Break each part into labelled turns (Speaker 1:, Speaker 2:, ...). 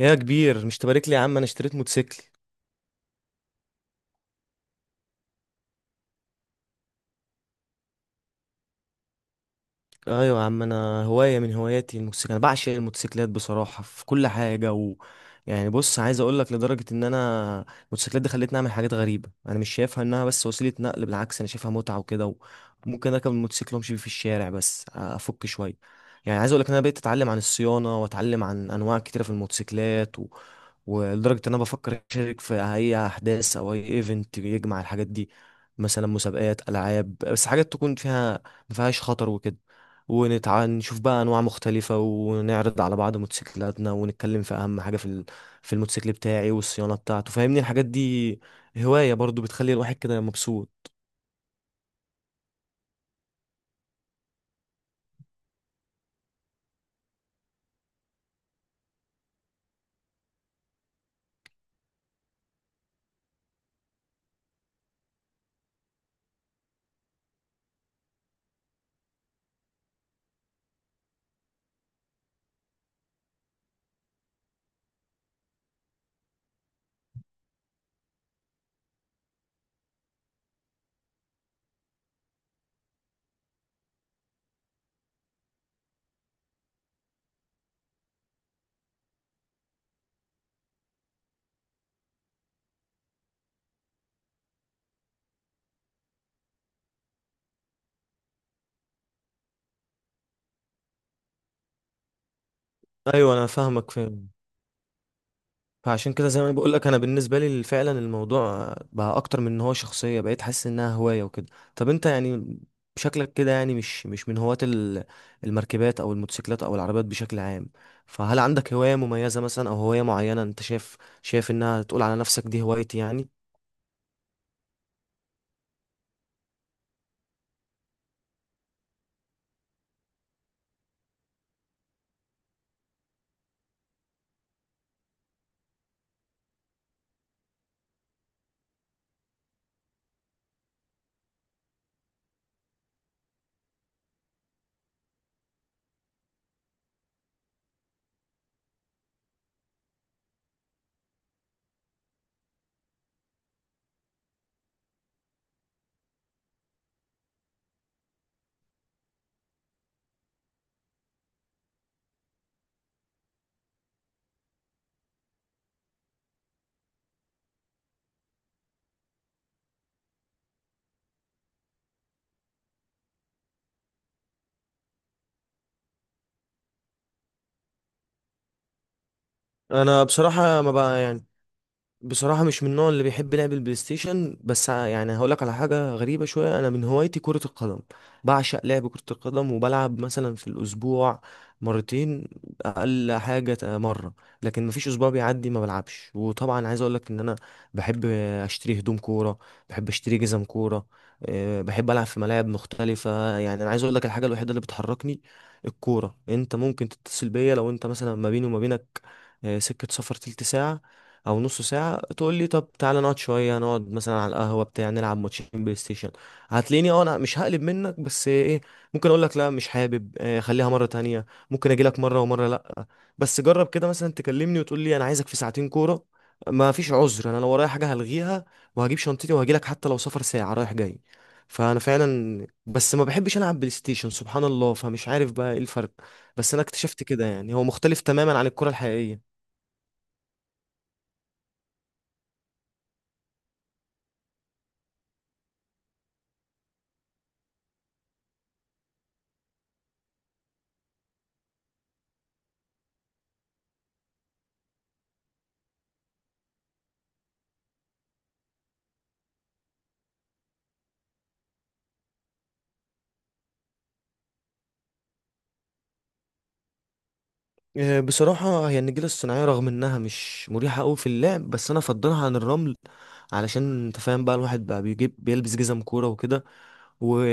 Speaker 1: يا كبير، مش تبارك لي يا عم؟ انا اشتريت موتوسيكل. ايوه يا عم، انا هوايه من هواياتي الموتوسيكل. انا بعشق الموتوسيكلات بصراحه في كل حاجه، و يعني بص، عايز اقول لك لدرجه ان انا الموتوسيكلات دي خلتني اعمل حاجات غريبه. انا مش شايفها انها بس وسيله نقل، بالعكس انا شايفها متعه وكده. ممكن اركب الموتوسيكل وامشي بيه في الشارع بس افك شويه. يعني عايز اقول لك ان انا بقيت اتعلم عن الصيانه، واتعلم عن انواع كتيره في الموتوسيكلات، ولدرجه ان انا بفكر اشارك في اي احداث او اي ايفنت يجمع الحاجات دي. مثلا مسابقات العاب، بس حاجات تكون فيها ما فيهاش خطر وكده. ونشوف بقى انواع مختلفة، ونعرض على بعض موتوسيكلاتنا، ونتكلم في اهم حاجة في في الموتوسيكل بتاعي والصيانة بتاعته، فاهمني الحاجات دي. هواية برضو بتخلي الواحد كده مبسوط. ايوه، انا فاهمك فاهم. فعشان كده زي ما بقول لك، انا بالنسبة لي فعلا الموضوع بقى اكتر من ان هو شخصية، بقيت حاسس انها هواية وكده. طب انت يعني شكلك كده يعني مش من هواة المركبات او الموتوسيكلات او العربيات بشكل عام. فهل عندك هواية مميزة مثلا، او هواية معينة انت شايف انها تقول على نفسك دي هوايتي يعني؟ انا بصراحه ما بقى يعني، بصراحة مش من النوع اللي بيحب لعب البلاي ستيشن. بس يعني هقولك على حاجة غريبة شوية، أنا من هوايتي كرة القدم. بعشق لعب كرة القدم، وبلعب مثلا في الأسبوع مرتين، أقل حاجة مرة. لكن مفيش أسبوع بيعدي ما بلعبش. وطبعا عايز أقولك إن أنا بحب أشتري هدوم كورة، بحب أشتري جزم كورة. بحب ألعب في ملاعب مختلفة. يعني أنا عايز أقولك، الحاجة الوحيدة اللي بتحركني الكورة. أنت ممكن تتصل بيا، لو أنت مثلا ما بيني وما بينك سكة سفر تلت ساعة او نص ساعه، تقول لي طب تعالى نقعد شويه، نقعد مثلا على القهوه بتاع نلعب ماتشين بلاي ستيشن، هتلاقيني. اه، انا مش هقلب منك، بس ايه، ممكن اقول لك لا مش حابب، خليها مره تانية. ممكن اجي لك مره، ومره لا. بس جرب كده مثلا تكلمني وتقول لي انا عايزك في ساعتين كوره، ما فيش عذر. انا لو ورايا حاجه هلغيها، وهجيب شنطتي وهجي لك، حتى لو سفر ساعه رايح جاي. فانا فعلا، بس ما بحبش العب بلاي ستيشن، سبحان الله، فمش عارف بقى ايه الفرق. بس انا اكتشفت كده يعني هو مختلف تماما عن الكره الحقيقيه. بصراحة هي النجيلة الصناعية رغم إنها مش مريحة أوي في اللعب، بس أنا أفضلها عن الرمل. علشان أنت فاهم بقى، الواحد بقى بيجيب بيلبس جزم كورة وكده، و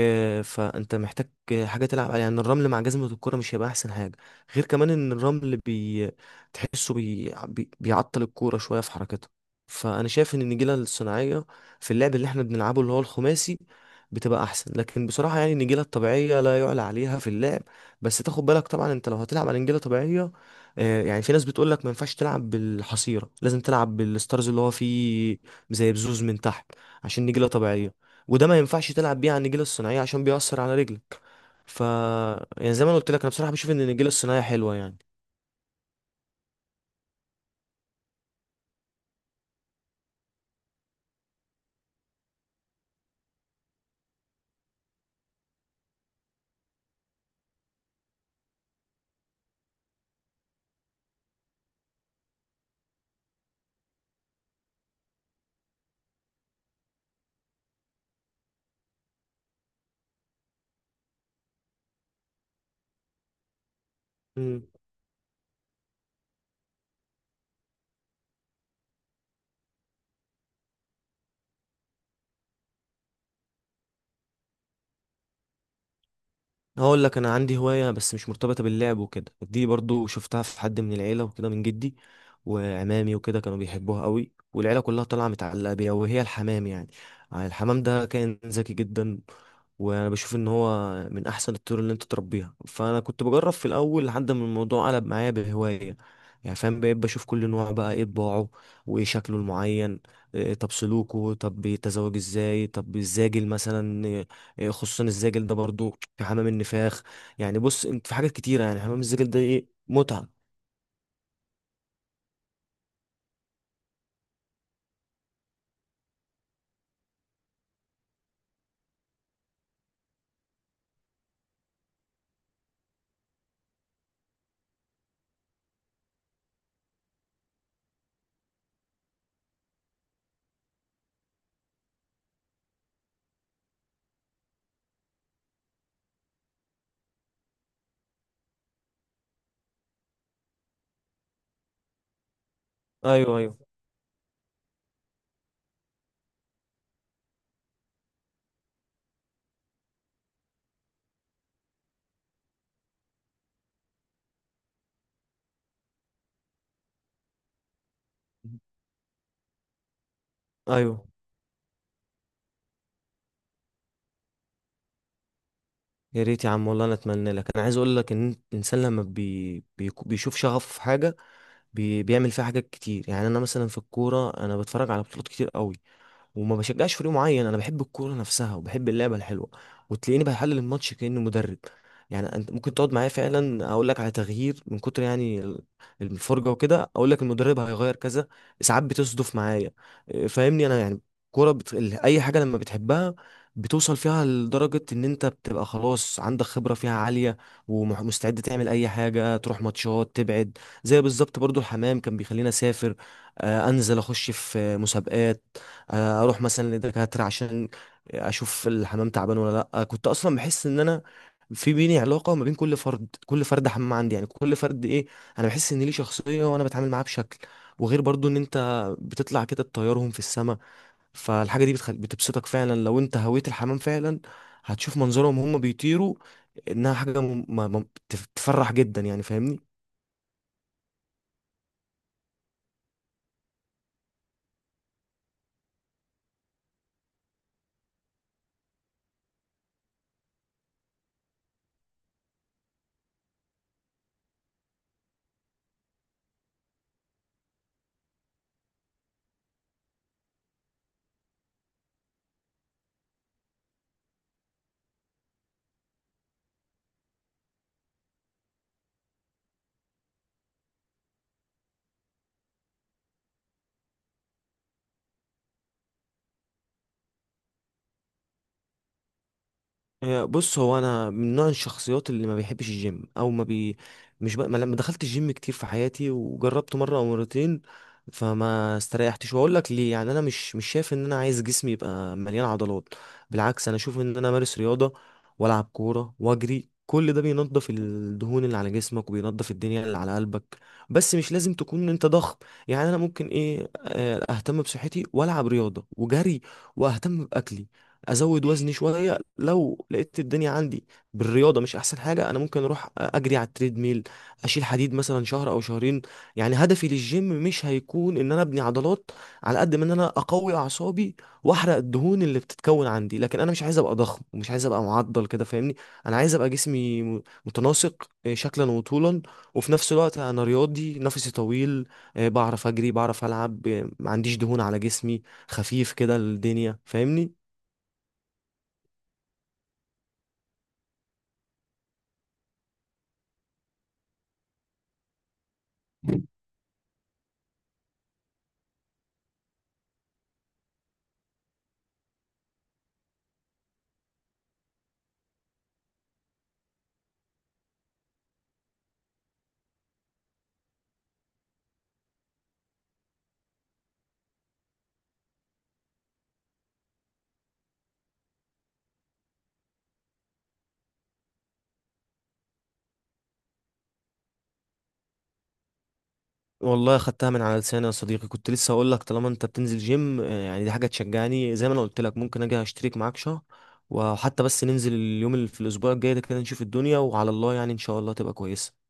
Speaker 1: فأنت محتاج حاجة تلعب عليها. يعني الرمل مع جزمة الكورة مش هيبقى أحسن حاجة، غير كمان إن الرمل تحسه بيعطل الكورة شوية في حركتها. فأنا شايف إن النجيلة الصناعية، في اللعب اللي إحنا بنلعبه اللي هو الخماسي، بتبقى أحسن. لكن بصراحة يعني النجيلة الطبيعية لا يعلى عليها في اللعب. بس تاخد بالك طبعا، انت لو هتلعب على نجيله طبيعيه، يعني في ناس بتقول لك ما ينفعش تلعب بالحصيره، لازم تلعب بالستارز اللي هو فيه زي بزوز من تحت عشان نجيله طبيعيه. وده ما ينفعش تلعب بيه على النجيله الصناعيه، عشان بيأثر على رجلك. ف يعني زي ما أنا قلت لك، انا بصراحه بشوف ان النجيله الصناعيه حلوه يعني. امم هقول لك، انا عندي هوايه بس مش مرتبطه باللعب وكده. دي برضو شفتها في حد من العيله وكده، من جدي وعمامي وكده، كانوا بيحبوها قوي والعيله كلها طالعه متعلقه بيها، وهي الحمام يعني. الحمام ده كائن ذكي جدا. وانا بشوف ان هو من احسن الطيور اللي انت تربيها. فانا كنت بجرب في الاول لحد ما الموضوع قلب معايا بهوايه. يعني فاهم، بقيت بشوف كل نوع بقى ايه طباعه، وايه شكله المعين، إيه طب سلوكه، طب بيتزوج ازاي، طب الزاجل مثلا إيه، إيه خصوصا الزاجل ده، برضو في حمام النفاخ. يعني بص، انت في حاجات كتيره، يعني حمام الزاجل ده ايه متعه. ايوه، ايوه، ايوه، يا ريت يا عم، والله انا اتمنى لك. انا عايز اقول لك ان الانسان لما بيشوف شغف في حاجه، بيعمل فيها حاجات كتير. يعني انا مثلا في الكوره، انا بتفرج على بطولات كتير قوي، وما بشجعش فريق معين. انا بحب الكوره نفسها، وبحب اللعبه الحلوه، وتلاقيني بحلل الماتش كانه مدرب. يعني انت ممكن تقعد معايا فعلا، اقول لك على تغيير من كتر يعني الفرجه وكده، اقول لك المدرب هيغير كذا، ساعات بتصدف معايا. إيه، فاهمني انا يعني، اي حاجه لما بتحبها، بتوصل فيها لدرجة إن أنت بتبقى خلاص عندك خبرة فيها عالية، ومستعد تعمل أي حاجة، تروح ماتشات تبعد. زي بالظبط برضو الحمام كان بيخليني أسافر، أنزل أخش في مسابقات، اروح مثلا لدكاتره عشان اشوف الحمام تعبان ولا لا. كنت اصلا بحس ان انا في بيني علاقه ما بين كل فرد، كل فرد حمام عندي، يعني كل فرد ايه، انا بحس ان ليه شخصيه، وانا بتعامل معاه بشكل. وغير برضو ان انت بتطلع كده تطيرهم في السماء، فالحاجه دي بتبسطك فعلا. لو انت هويت الحمام فعلا، هتشوف منظرهم وهم بيطيروا، انها حاجه تفرح جدا يعني فاهمني. بص، هو انا من نوع الشخصيات اللي ما بيحبش الجيم او ما بي مش ما لما دخلت الجيم كتير في حياتي وجربته مره او مرتين فما استريحتش. واقول لك ليه؟ يعني انا مش شايف ان انا عايز جسمي يبقى مليان عضلات. بالعكس، انا اشوف ان انا امارس رياضه والعب كوره واجري، كل ده بينظف الدهون اللي على جسمك، وبينظف الدنيا اللي على قلبك. بس مش لازم تكون انت ضخم. يعني انا ممكن ايه آه، اهتم بصحتي والعب رياضه وجري، واهتم باكلي، ازود وزني شويه. لو لقيت الدنيا عندي بالرياضه مش احسن حاجه، انا ممكن اروح اجري على التريد ميل، اشيل حديد مثلا شهر او شهرين. يعني هدفي للجيم مش هيكون ان انا ابني عضلات، على قد ما ان انا اقوي اعصابي، واحرق الدهون اللي بتتكون عندي. لكن انا مش عايز ابقى ضخم، ومش عايز ابقى معضل كده فاهمني. انا عايز ابقى جسمي متناسق، شكلا وطولا. وفي نفس الوقت انا رياضي نفسي طويل، بعرف اجري، بعرف العب، ما عنديش دهون على جسمي، خفيف كده الدنيا فاهمني. والله خدتها من على لساني يا صديقي. كنت لسه هقول لك، طالما انت بتنزل جيم، يعني دي حاجه تشجعني. زي ما انا قلت لك، ممكن اجي اشترك معاك شهر، وحتى بس ننزل اليوم اللي في الاسبوع الجاي ده كده، نشوف الدنيا وعلى الله يعني، ان شاء الله تبقى كويسه.